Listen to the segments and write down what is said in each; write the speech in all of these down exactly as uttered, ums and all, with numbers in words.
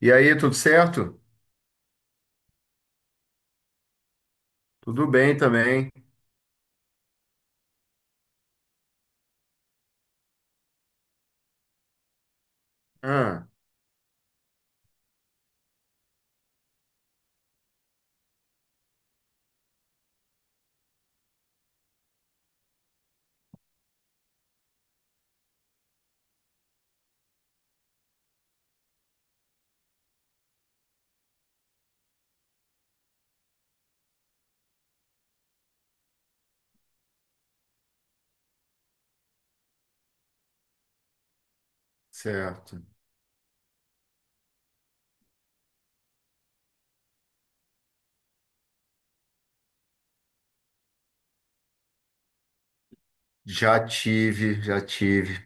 E aí, tudo certo? Tudo bem também. Ah, certo. Já tive, já tive.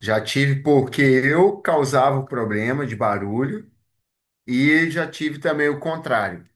já tive porque eu causava o problema de barulho e já tive também o contrário.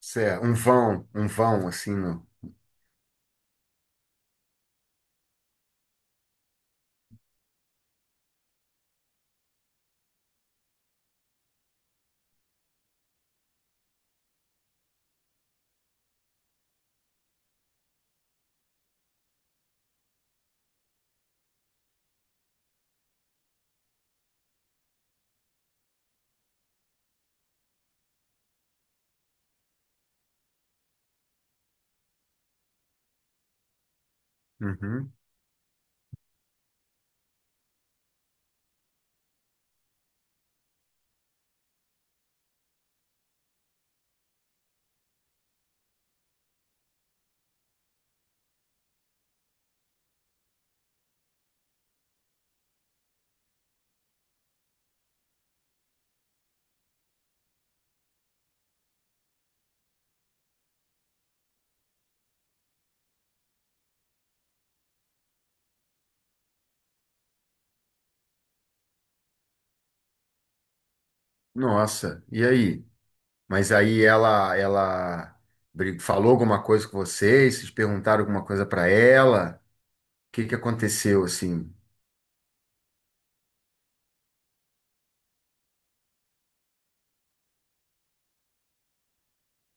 Certo. Um vão, um vão assim, no... Uhum. Nossa, e aí? Mas aí ela ela bri- falou alguma coisa com vocês? Vocês perguntaram alguma coisa para ela? O que que aconteceu assim?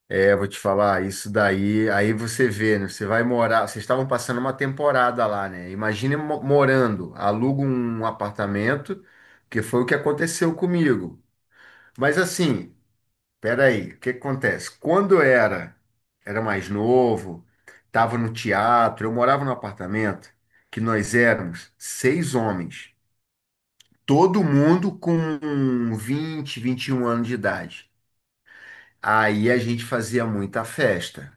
É, vou te falar, isso daí, aí você vê, né? Você vai morar, vocês estavam passando uma temporada lá, né? Imagine mo- morando, aluga um apartamento, que foi o que aconteceu comigo. Mas assim, peraí, o que que acontece? Quando eu era, era mais novo, estava no teatro, eu morava num apartamento que nós éramos seis homens, todo mundo com vinte, vinte e um anos de idade. Aí a gente fazia muita festa.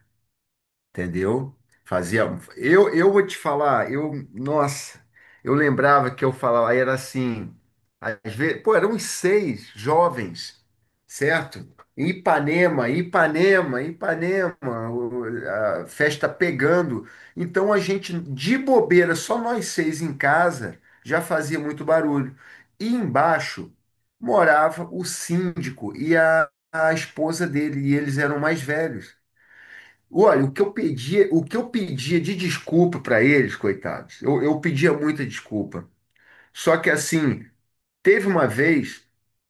Entendeu? Fazia. Eu, eu vou te falar, eu, nossa, eu lembrava que eu falava, aí era assim, às vezes, pô, eram uns seis jovens, certo? Em Ipanema, Ipanema, Ipanema, o- a festa pegando. Então a gente, de bobeira, só nós seis em casa, já fazia muito barulho. E embaixo morava o síndico e a, a esposa dele, e eles eram mais velhos. Olha, o que eu pedia, o que eu pedia de desculpa para eles, coitados, eu, eu pedia muita desculpa. Só que assim, teve uma vez,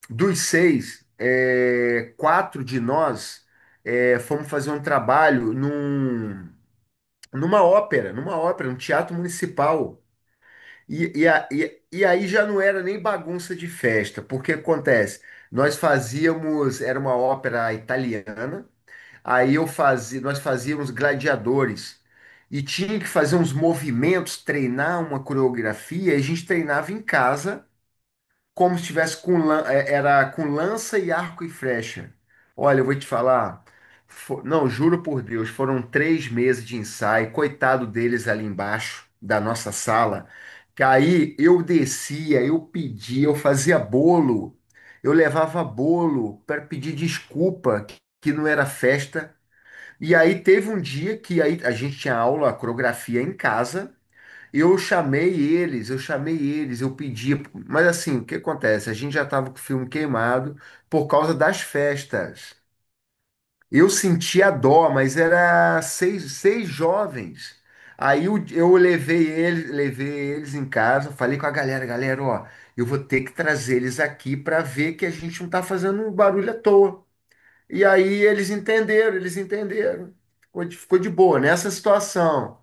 dos seis, é, quatro de nós é, fomos fazer um trabalho num, numa ópera, numa ópera, num teatro municipal. E, e, a- e- e aí já não era nem bagunça de festa, porque acontece, nós fazíamos, era uma ópera italiana. Aí eu fazia, nós fazíamos gladiadores e tinha que fazer uns movimentos, treinar uma coreografia, e a gente treinava em casa, como se tivesse com lan- eh, era com lança e arco e flecha. Olha, eu vou te falar, fo- não, juro por Deus, foram três meses de ensaio, coitado deles ali embaixo da nossa sala, que aí eu descia, eu pedia, eu fazia bolo, eu levava bolo para pedir desculpa que que não era festa. E aí teve um dia que aí a gente tinha aula, coreografia em casa. Eu chamei eles, eu chamei eles, eu pedi, mas assim, o que acontece? A gente já estava com o filme queimado por causa das festas. Eu sentia dó, mas era seis, seis jovens. Aí eu, eu levei eles, levei eles em casa, falei com a galera, galera, ó, eu vou ter que trazer eles aqui para ver que a gente não tá fazendo um barulho à toa. E aí eles entenderam, eles entenderam. Ficou de, ficou de boa nessa situação.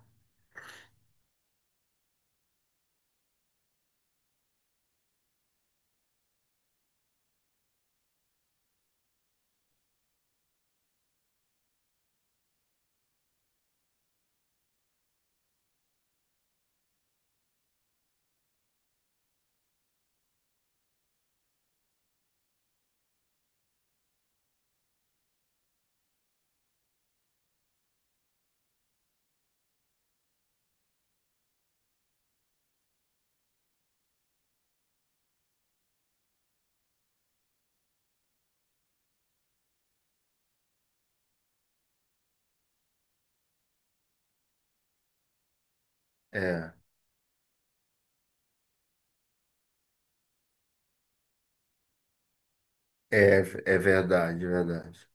É, é, é verdade, é verdade.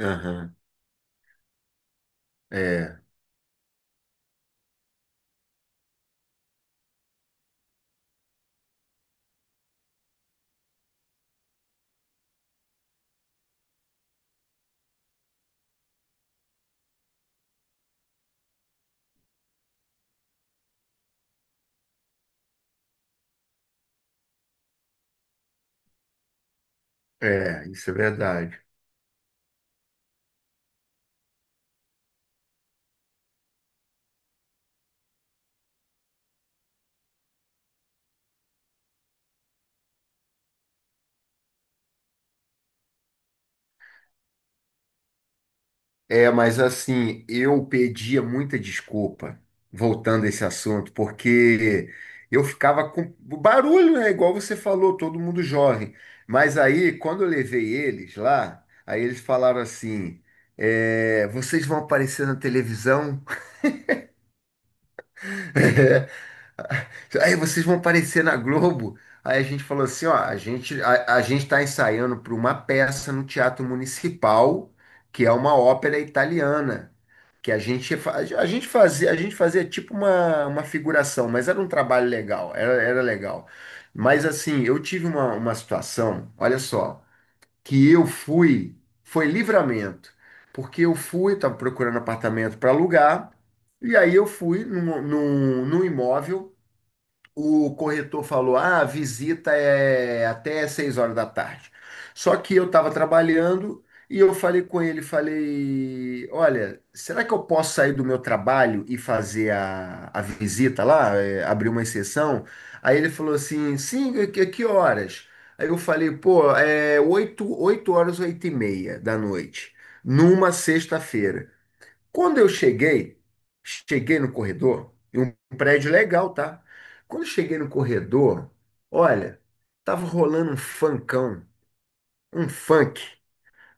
Aham. É, é, isso é verdade. É, mas assim, eu pedia muita desculpa, voltando a esse assunto, porque eu ficava com barulho, né? Igual você falou, todo mundo jovem. Mas aí, quando eu levei eles lá, aí eles falaram assim: é, vocês vão aparecer na televisão. Aí vocês vão aparecer na Globo. Aí a gente falou assim, ó, a gente a, a gente tá ensaiando para uma peça no Teatro Municipal, que é uma ópera italiana, que a gente fa- a gente fazia a gente fazia tipo uma, uma figuração, mas era um trabalho legal, era, era legal. Mas assim, eu tive uma, uma situação, olha só, que eu fui, foi livramento, porque eu fui, estava procurando apartamento para alugar, e aí eu fui num, num, num imóvel. O corretor falou: ah, a visita é até seis horas da tarde. Só que eu estava trabalhando e eu falei com ele, falei, olha, será que eu posso sair do meu trabalho e fazer a, a visita lá, é, abrir uma exceção? Aí ele falou assim, sim, que, que horas? Aí eu falei, pô, é oito, oito horas, oito e meia da noite, numa sexta-feira. Quando eu cheguei, cheguei no corredor, e um prédio legal, tá? Quando eu cheguei no corredor, olha, tava rolando um funkão, um funk,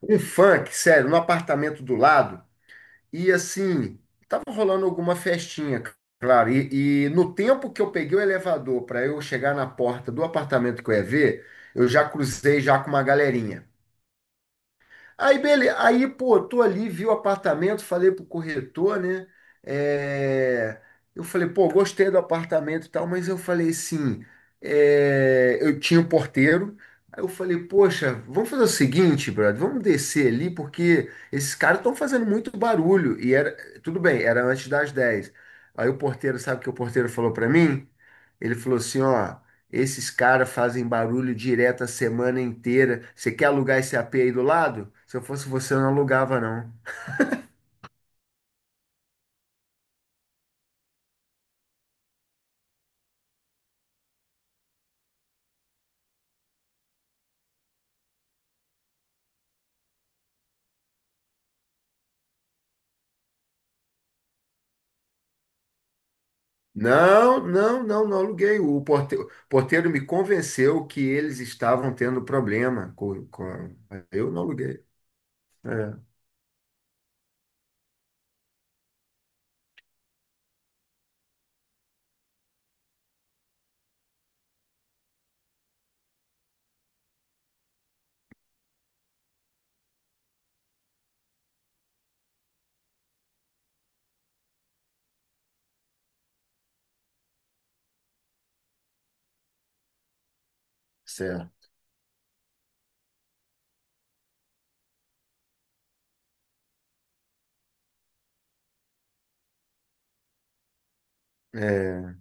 um funk, sério, no apartamento do lado, e assim, tava rolando alguma festinha, claro. E, e no tempo que eu peguei o elevador para eu chegar na porta do apartamento que eu ia ver, eu já cruzei já com uma galerinha. Aí, beleza. Aí, pô, tô ali, vi o apartamento, falei pro corretor, né? É, eu falei, pô, gostei do apartamento e tal, mas eu falei assim, é, eu tinha um porteiro. Aí eu falei, poxa, vamos fazer o seguinte, brother, vamos descer ali, porque esses caras estão fazendo muito barulho. E era, tudo bem, era antes das dez. Aí o porteiro, sabe o que o porteiro falou pra mim? Ele falou assim, ó, esses caras fazem barulho direto a semana inteira. Você quer alugar esse A P aí do lado? Se eu fosse você, eu não alugava, não. Não, não, não, não aluguei. O porte- o porteiro me convenceu que eles estavam tendo problema com, com... a- Eu não aluguei. É, certo. É,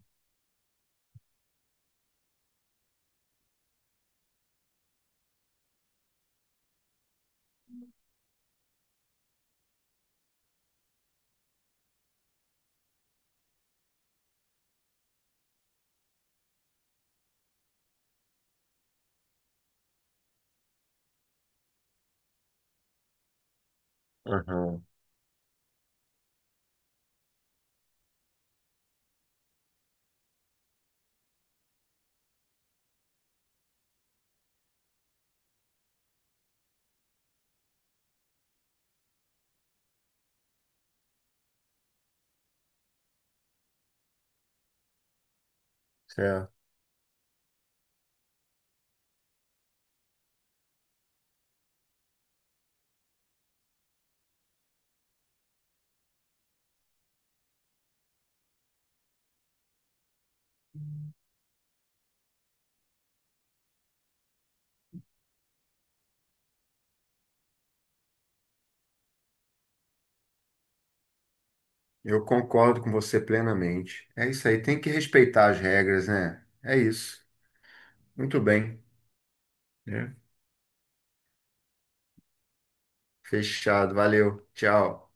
aham, certo. Eu concordo com você plenamente. É isso aí, tem que respeitar as regras, né? É isso. Muito bem. Né? Fechado, valeu. Tchau.